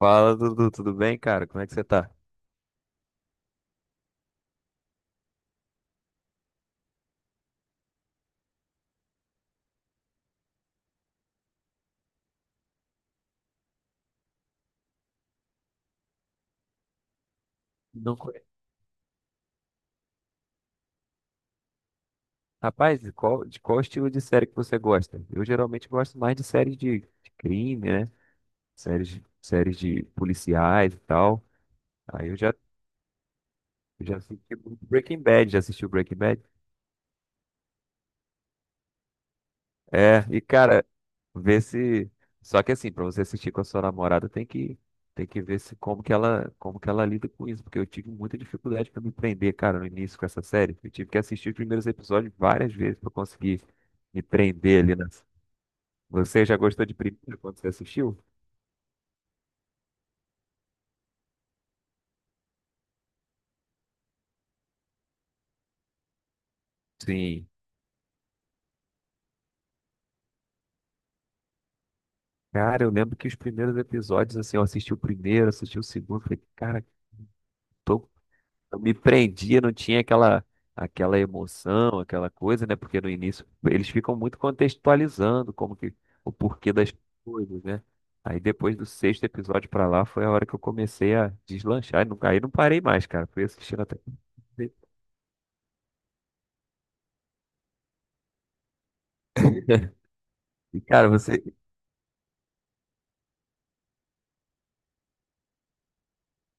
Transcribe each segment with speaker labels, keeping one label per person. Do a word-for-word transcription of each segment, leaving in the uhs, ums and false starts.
Speaker 1: Fala, Dudu, tudo bem, cara? Como é que você tá? Não co- Rapaz, de qual, de qual estilo de série que você gosta? Eu geralmente gosto mais de séries de, de crime, né? Séries, de- séries de policiais e tal. Aí eu já, eu já assisti Breaking Bad, já assistiu Breaking Bad? É, e cara, ver se. Só que assim, pra você assistir com a sua namorada, tem que tem que ver se como que ela como que ela lida com isso, porque eu tive muita dificuldade pra me prender, cara, no início com essa série. Eu tive que assistir os primeiros episódios várias vezes pra conseguir me prender ali na. Você já gostou de primeiro quando você assistiu? Sim. Cara, eu lembro que os primeiros episódios, assim, eu assisti o primeiro, assisti o segundo, falei, cara, tô eu me prendia, não tinha aquela aquela emoção, aquela coisa, né? Porque no início eles ficam muito contextualizando como que o porquê das coisas, né? Aí depois do sexto episódio pra lá foi a hora que eu comecei a deslanchar, e nunca aí não parei mais, cara. Fui assistindo até e, cara, você.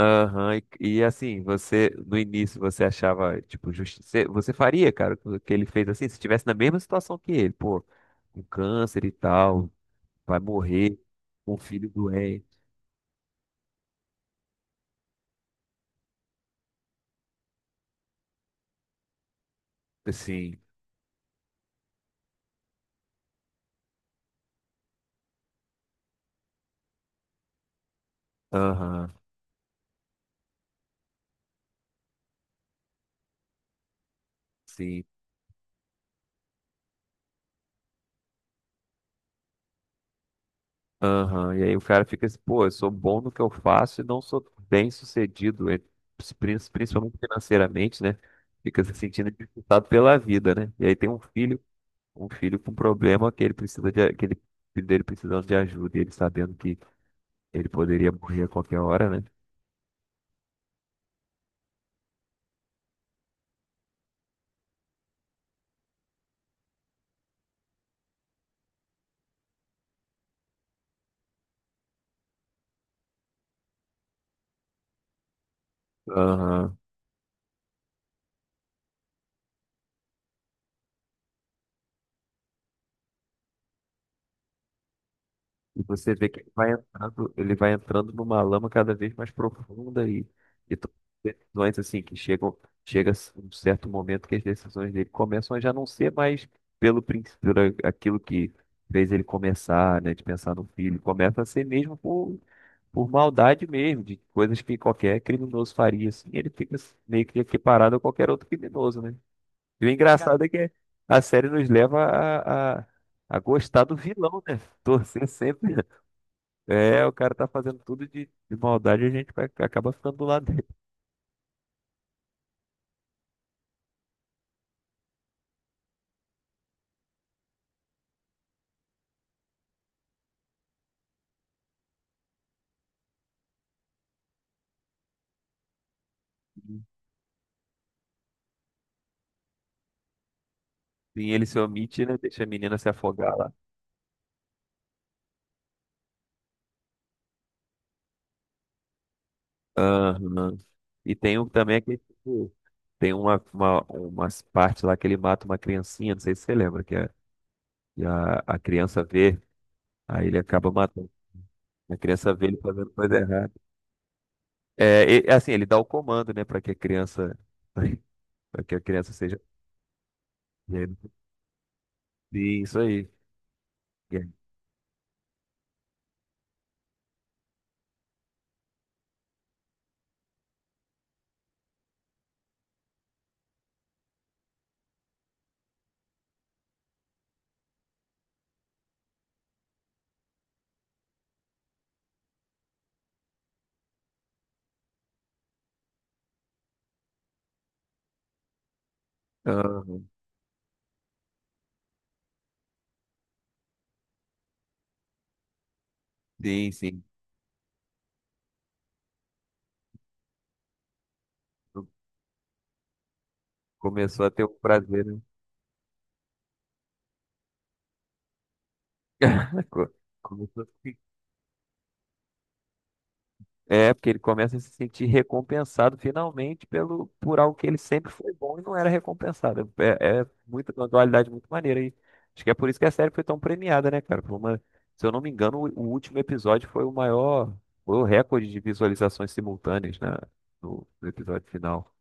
Speaker 1: Aham, e, e, assim, você, no início, você achava, tipo, justi... Você você faria, cara, o que ele fez assim, se estivesse na mesma situação que ele, pô, com câncer e tal, vai morrer, com um filho doente. Sim, aham, sim, aham. E aí o cara fica assim, pô, eu sou bom no que eu faço e não sou bem sucedido, e prin- principalmente financeiramente, né? Fica se sentindo dificultado pela vida, né? E aí tem um filho, um filho com problema que ele precisa de, que ele, filho dele precisando de ajuda, e ele sabendo que ele poderia morrer a qualquer hora, né? Aham. E você vê que ele vai entrando, ele vai entrando numa lama cada vez mais profunda e, e to- decisões assim que chegam, chega um certo momento que as decisões dele começam a já não ser mais pelo princípio da- aquilo que fez ele começar, né, de pensar no filho, começa a ser mesmo por, por maldade mesmo, de coisas que qualquer criminoso faria assim, ele fica meio que equiparado a qualquer outro criminoso, né? E o engraçado é que a série nos leva a, a, a gostar do vilão, né? Torcer sempre é, o cara tá fazendo tudo de, de maldade e a gente vai- acaba ficando do lado dele. Sim, ele se omite, né? Deixa a menina se afogar lá. Aham. E tem um, também que tipo, tem uma, uma, umas partes lá que ele mata uma criancinha, não sei se você lembra, que, a, que a, a criança vê, aí ele acaba matando. A criança vê ele fazendo coisa errada. É, e- assim, ele dá o comando, né, para que a criança, para que a criança seja. Sim, isso aí. É. Aham. Sim, sim. Começou a ter o prazer, né? Co- começou a se- É, porque ele começa a se sentir recompensado finalmente pelo, por algo que ele sempre foi bom e não era recompensado. É, é muita uma dualidade muito maneira aí. Acho que é por isso que a série foi tão premiada, né, cara? Por uma- se eu não me engano, o, o último episódio foi o maior, foi o recorde de visualizações simultâneas, né, no, no episódio final.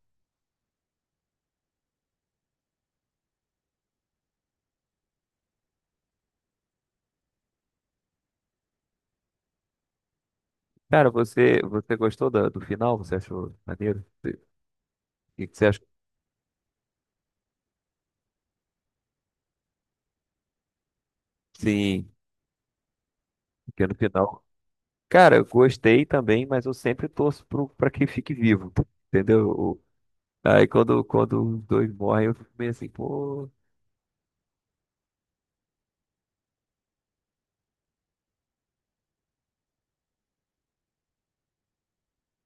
Speaker 1: Cara, você, você gostou da- do final? Você achou maneiro? Você- O que que você achou? Sim, porque no final. Cara, eu gostei também, mas eu sempre torço pro, pra quem fique vivo, entendeu? O- Aí quando, quando os dois morrem, eu fico meio assim, pô,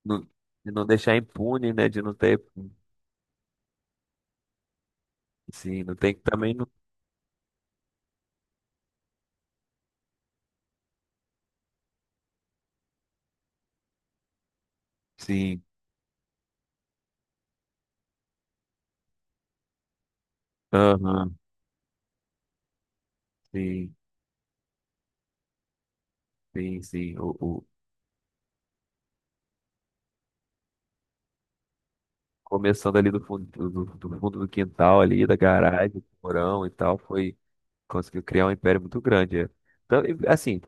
Speaker 1: não- de não deixar impune, né? De não ter, sim, não tem que também, não, sim, aham, sim, sim, sim, o, o- começando ali do fundo do, do- do fundo do quintal ali, da garagem, do porão e tal, foi, conseguiu criar um império muito grande, é. Então, e, assim,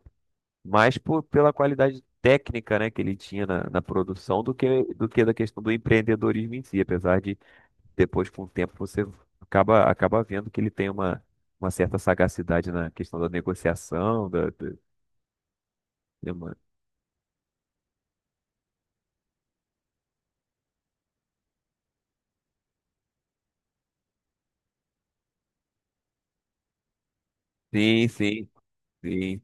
Speaker 1: mais por, pela qualidade técnica, né, que ele tinha na, na produção do que, do que da questão do empreendedorismo em si, apesar de depois, com o tempo, você acaba, acaba vendo que ele tem uma, uma certa sagacidade na questão da negociação, da, da- de uma- Sim, sim, sim.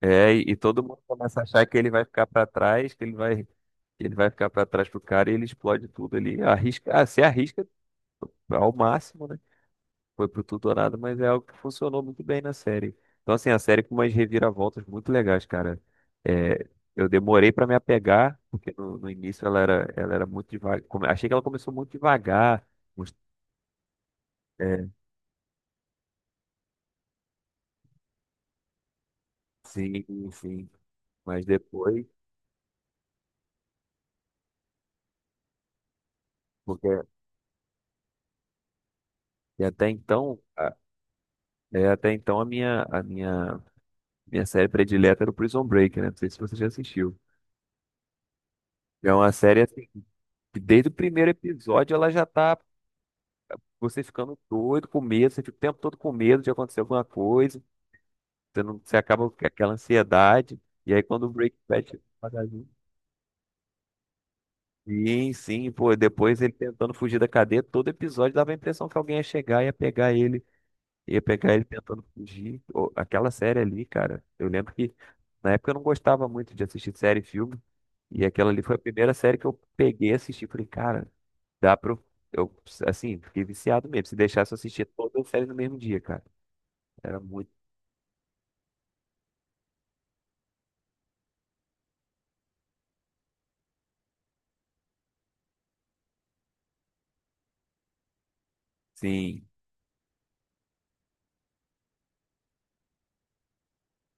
Speaker 1: É, e, e todo mundo começa a achar que ele vai ficar para trás, que ele vai, que ele vai ficar para trás pro cara e ele explode tudo ali, arrisca, ah, se arrisca ao máximo, né? Foi pro tudo ou nada, mas é algo que funcionou muito bem na série. Então, assim, a série com umas reviravoltas muito legais, cara. É, eu demorei pra me apegar, porque no, no início ela era, ela era muito devagar. Achei que ela começou muito devagar. uns- É, sim, sim. Mas depois, porque e até então, a- é, até então a minha, a minha, minha série predileta era o Prison Break, né? Não sei se você já assistiu. É uma série assim, que desde o primeiro episódio ela já tá você ficando doido, com medo, você fica o tempo todo com medo de acontecer alguma coisa, você, não, você acaba com aquela ansiedade, e aí quando o Breaking Bad chega devagarzinho- Sim, sim, pô, depois ele tentando fugir da cadeia, todo episódio dava a impressão que alguém ia chegar e ia pegar ele, ia pegar ele tentando fugir. Ô, aquela série ali, cara, eu lembro que na época eu não gostava muito de assistir série e filme, e aquela ali foi a primeira série que eu peguei e assisti, falei, cara, dá pra eu, eu, assim, fiquei viciado mesmo, se deixasse eu assistir toda a série no mesmo dia, cara. Era muito. Sim,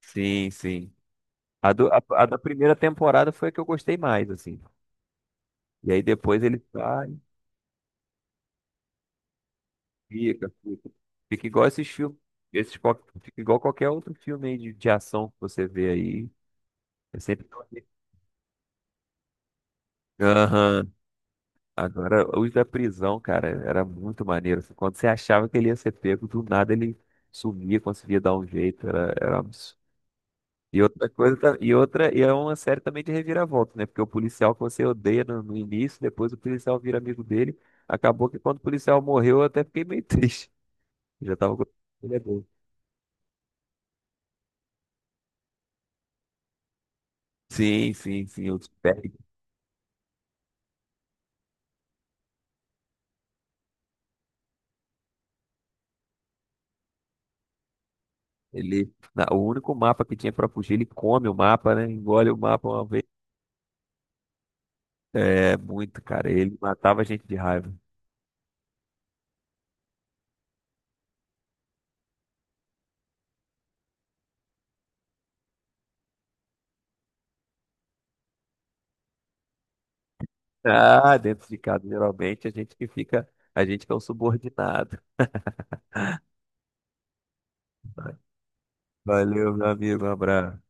Speaker 1: sim, sim. A, do- a, a da primeira temporada foi a que eu gostei mais, assim. E aí depois ele sai, fica, fica. Fica igual esses filmes. Esses, qual- fica igual qualquer outro filme aí de, de ação que você vê aí. É sempre. Aham. Agora, os da prisão, cara, era muito maneiro, assim. Quando você achava que ele ia ser pego, do nada ele sumia, conseguia dar um jeito. Era, era um absurdo. E outra coisa, ta- e outra, e é uma série também de reviravolta, né? Porque o policial que você odeia no, no início, depois o policial vira amigo dele. Acabou que quando o policial morreu, eu até fiquei meio triste. Eu já tava com ele é doido. Sim, sim, sim. O Spag, ele, na- o único mapa que tinha pra fugir, ele come o mapa, né? Engole o mapa uma vez. É, muito, cara. Ele matava a gente de raiva. Ah, dentro de casa, geralmente, a gente que fica, a gente que é um subordinado. Né? Valeu, meu amigo. Um abraço.